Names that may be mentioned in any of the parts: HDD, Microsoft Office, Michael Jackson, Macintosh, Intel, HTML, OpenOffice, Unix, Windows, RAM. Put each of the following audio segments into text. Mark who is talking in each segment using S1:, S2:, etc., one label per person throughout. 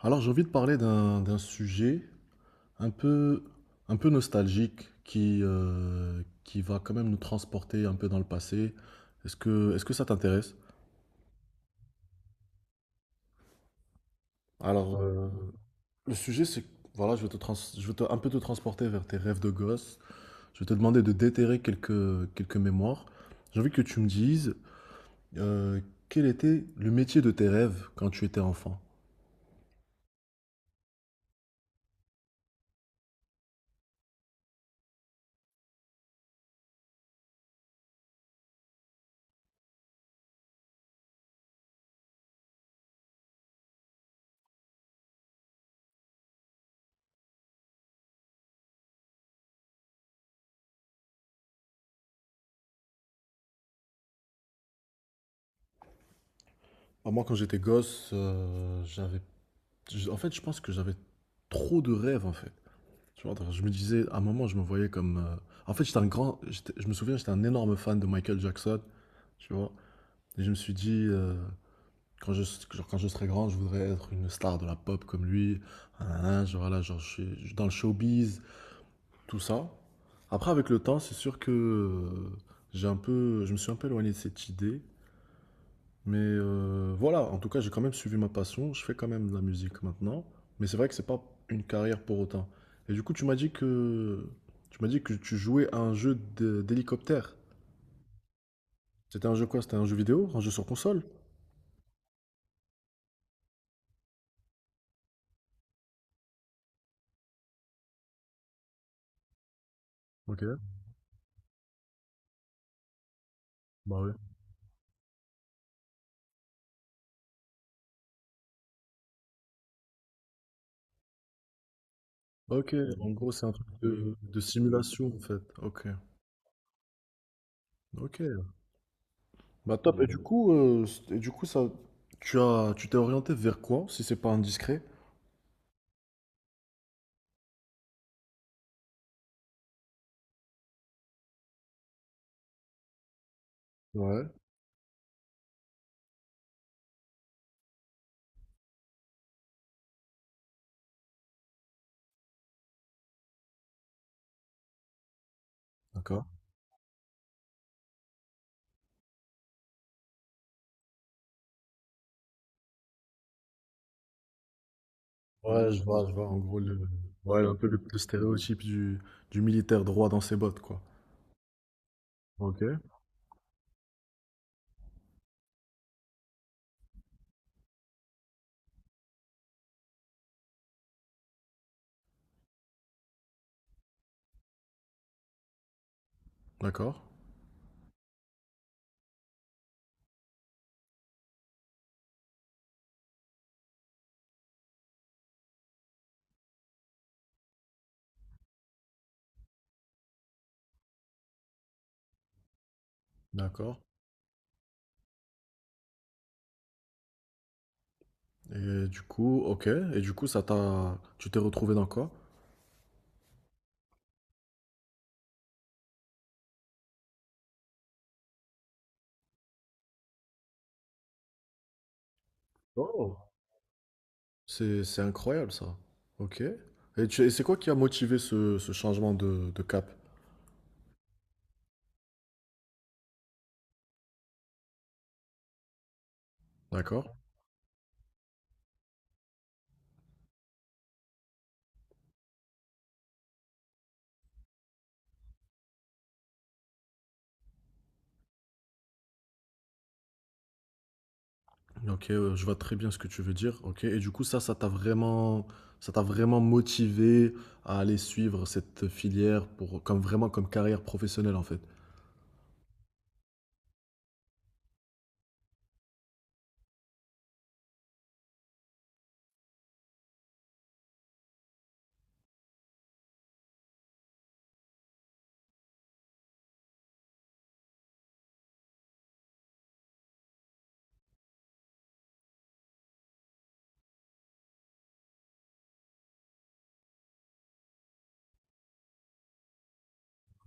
S1: Alors, j'ai envie de parler d'un sujet un peu, un peu nostalgique qui va quand même nous transporter un peu dans le passé. Est-ce que ça t'intéresse? Alors, euh, le sujet, c'est, voilà, un peu te transporter vers tes rêves de gosse. Je vais te demander de déterrer quelques mémoires. J'ai envie que tu me dises euh, quel était le métier de tes rêves quand tu étais enfant? Alors, moi, quand j'étais gosse, en fait, je pense que j'avais trop de rêves, en fait. Tu vois, donc je me disais, à un moment, je me voyais comme. En fait, j'étais un grand. Je me souviens, j'étais un énorme fan de Michael Jackson, tu vois. Et je me suis dit, quand je, genre, quand je serai grand, je voudrais être une star de la pop comme lui. Nanana, genre, voilà, genre, je suis dans le showbiz, tout ça. Après, avec le temps, c'est sûr que j'ai un peu, je me suis un peu éloigné de cette idée. Mais voilà, en tout cas, j'ai quand même suivi ma passion. Je fais quand même de la musique maintenant. Mais c'est vrai que c'est pas une carrière pour autant. Et du coup, tu m'as dit que tu jouais à un d'hélicoptère. C'était un jeu quoi? C'était un jeu vidéo? Un jeu sur console? Ok, bah ouais. Ok, en gros, c'est un truc de simulation en fait. Ok, ok. Bah top. Et du coup, ça, tu t'es orienté vers quoi, si c'est pas indiscret? Ouais. D'accord. Ouais, je vois, je vois. Ouais, un peu le stéréotype du militaire droit dans ses bottes, quoi. Ok, d'accord, d'accord. Et du coup, ok. Et du coup, ça t'a, tu t'es retrouvé dans quoi? Oh, c'est incroyable ça. Ok. Et, et c'est quoi qui a motivé ce changement de cap? D'accord. Ok, je vois très bien ce que tu veux dire. Ok. Et du coup, ça t'a vraiment motivé à aller suivre cette filière pour, comme vraiment comme carrière professionnelle en fait.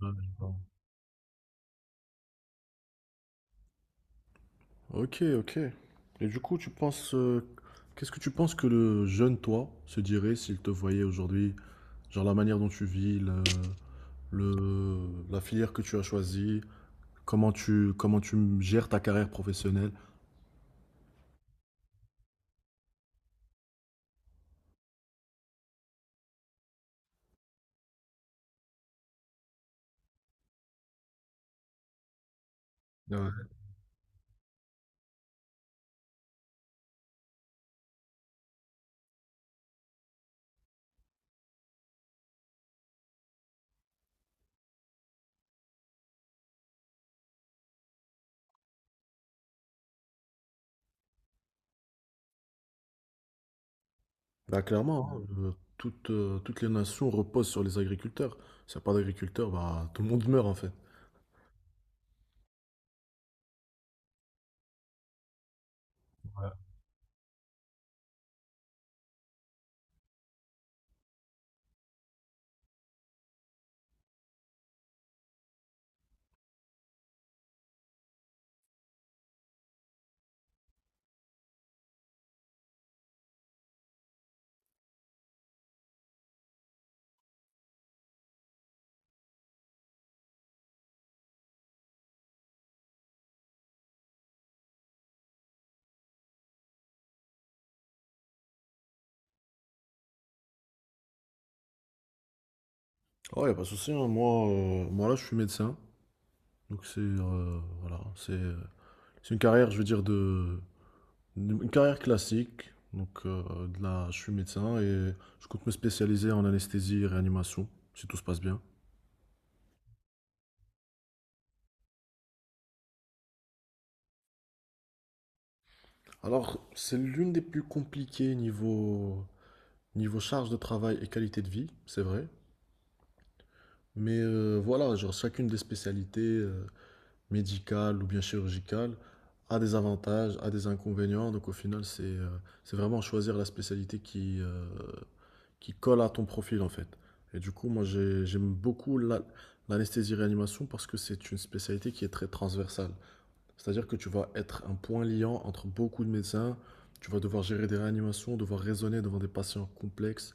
S1: Ouais, je vois. Ok, ok. Et du coup, tu penses, qu'est-ce que tu penses que le jeune toi se dirait s'il te voyait aujourd'hui? Genre la manière dont tu vis, le- la filière que tu as choisie, comment tu gères ta carrière professionnelle. Ouais. Bah clairement, toutes, toutes les nations reposent sur les agriculteurs. S'il n'y a pas d'agriculteurs, bah tout le monde meurt en fait. Oh, y a pas de souci, hein. Moi, moi là, je suis médecin, donc c'est voilà, c'est une carrière, je veux dire de une carrière classique, donc de là, je suis médecin et je compte me spécialiser en anesthésie et réanimation, si tout se passe bien. Alors, c'est l'une des plus compliquées niveau, niveau charge de travail et qualité de vie, c'est vrai. Mais voilà, genre chacune des spécialités médicales ou bien chirurgicales a des avantages, a des inconvénients. Donc au final, c'est vraiment choisir la spécialité qui colle à ton profil en fait. Et du coup, moi j'aime beaucoup l'anesthésie-réanimation parce que c'est une spécialité qui est très transversale. C'est-à-dire que tu vas être un point liant entre beaucoup de médecins, tu vas devoir gérer des réanimations, devoir raisonner devant des patients complexes.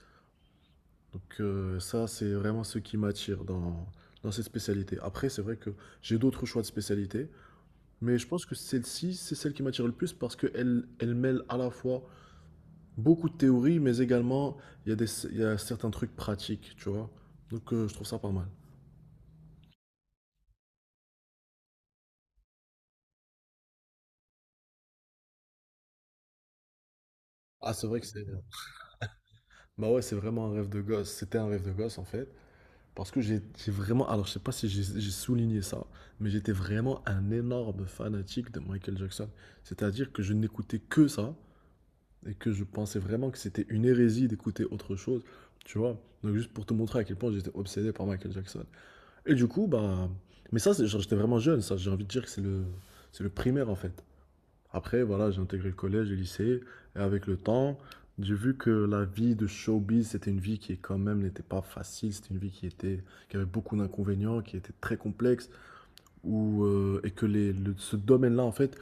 S1: Donc ça, c'est vraiment ce qui m'attire dans cette spécialité. Après, c'est vrai que j'ai d'autres choix. Beaucoup de théories, mais également, il y a certains trucs pratiques, tu vois. Donc, je trouve ça pas mal. Ah, c'est vrai que c'est... Bah ouais, c'est vraiment un rêve de gosse. C'était un rêve de gosse, en fait. Parce que j'ai vraiment... Alors, je sais pas si j'ai souligné ça, mais j'étais vraiment un énorme fanatique de Michael Jackson. C'est-à-dire que je n'écoutais que ça, et que je pensais vraiment que c'était une hérésie d'écouter autre chose, tu vois. Donc, juste pour te montrer à quel point j'étais obsédé par Michael Jackson. Et du coup, bah, mais ça, genre, j'étais vraiment jeune, ça. J'ai envie de dire que c'est le primaire, en fait. Après, voilà, j'ai intégré le collège, le lycée. Et avec le temps, j'ai vu que la vie de showbiz, c'était une vie qui, quand même, n'était pas facile. C'était une qui avait beaucoup d'inconvénients, qui était très complexe. Où, et que ce domaine-là, en fait,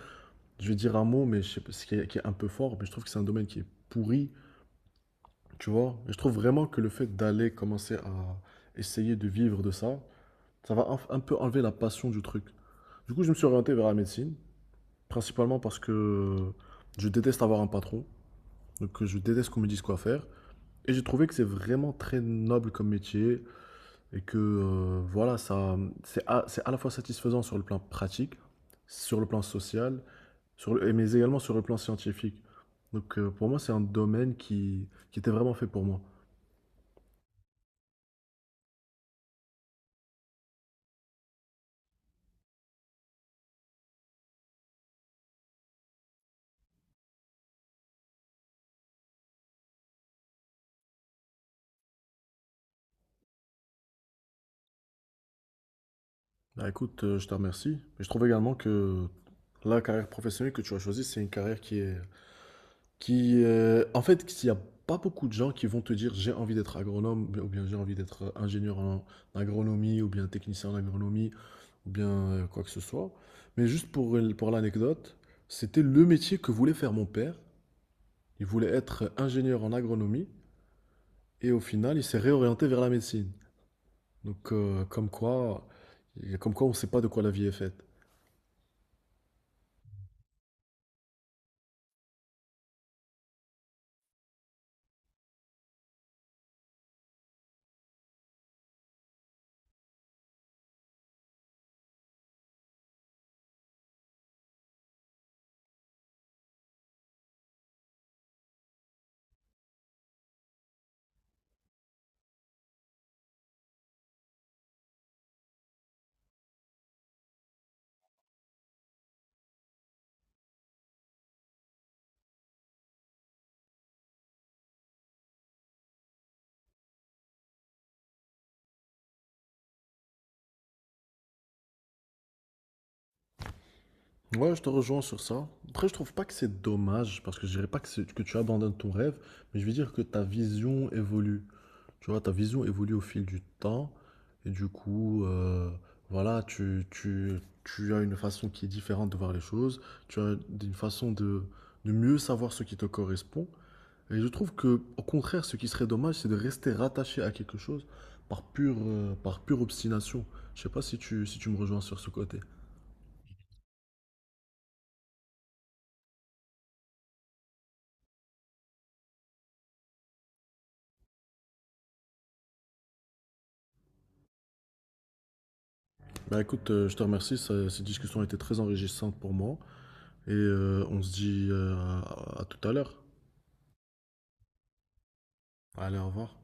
S1: je vais dire un mot, mais je sais pas, ce qui est un peu fort, mais je trouve que c'est un domaine qui est pourri, tu vois. Et je trouve vraiment que le fait d'aller commencer à essayer de vivre de ça, ça va un peu enlever la passion du truc. Du coup, je me suis orienté vers la médecine, principalement parce que je déteste avoir un patron, donc je déteste qu'on me dise quoi faire. Et j'ai trouvé que c'est vraiment très noble comme métier et que voilà, ça, c'est à la fois satisfaisant sur le plan pratique, sur le plan social, mais également sur le plan scientifique. Donc pour moi, c'est un domaine qui était vraiment fait pour moi. Bah écoute, je te remercie. Et je trouve également que la carrière professionnelle que tu as choisie, c'est une carrière qui est, qui, en fait, s'il y a pas beaucoup de gens qui vont te dire: «J'ai envie d'être agronome» ou bien «J'ai envie d'être ingénieur en agronomie» ou bien «Technicien en agronomie» ou bien, quoi que ce soit. Mais juste pour l pour l'anecdote, c'était le métier que voulait faire mon père. Il voulait être ingénieur en agronomie et au final, il s'est réorienté vers la médecine. Donc, comme quoi on ne sait pas de quoi la vie est faite. Ouais, je te rejoins sur ça. Après, je trouve pas que c'est dommage, parce que je dirais pas que, que tu abandonnes ton rêve, mais je veux dire que ta vision évolue. Tu vois, ta vision évolue au fil du temps, et du coup, voilà, tu as une façon qui est différente de voir les choses, tu as une façon de mieux savoir ce qui te correspond. Et je trouve que, au contraire, ce qui serait dommage, c'est de rester rattaché à quelque chose par par pure obstination. Je sais pas si tu me rejoins sur ce côté. Bah écoute, je te remercie, cette discussion a été très enrichissante pour moi et on se dit à tout à l'heure. Allez, au revoir.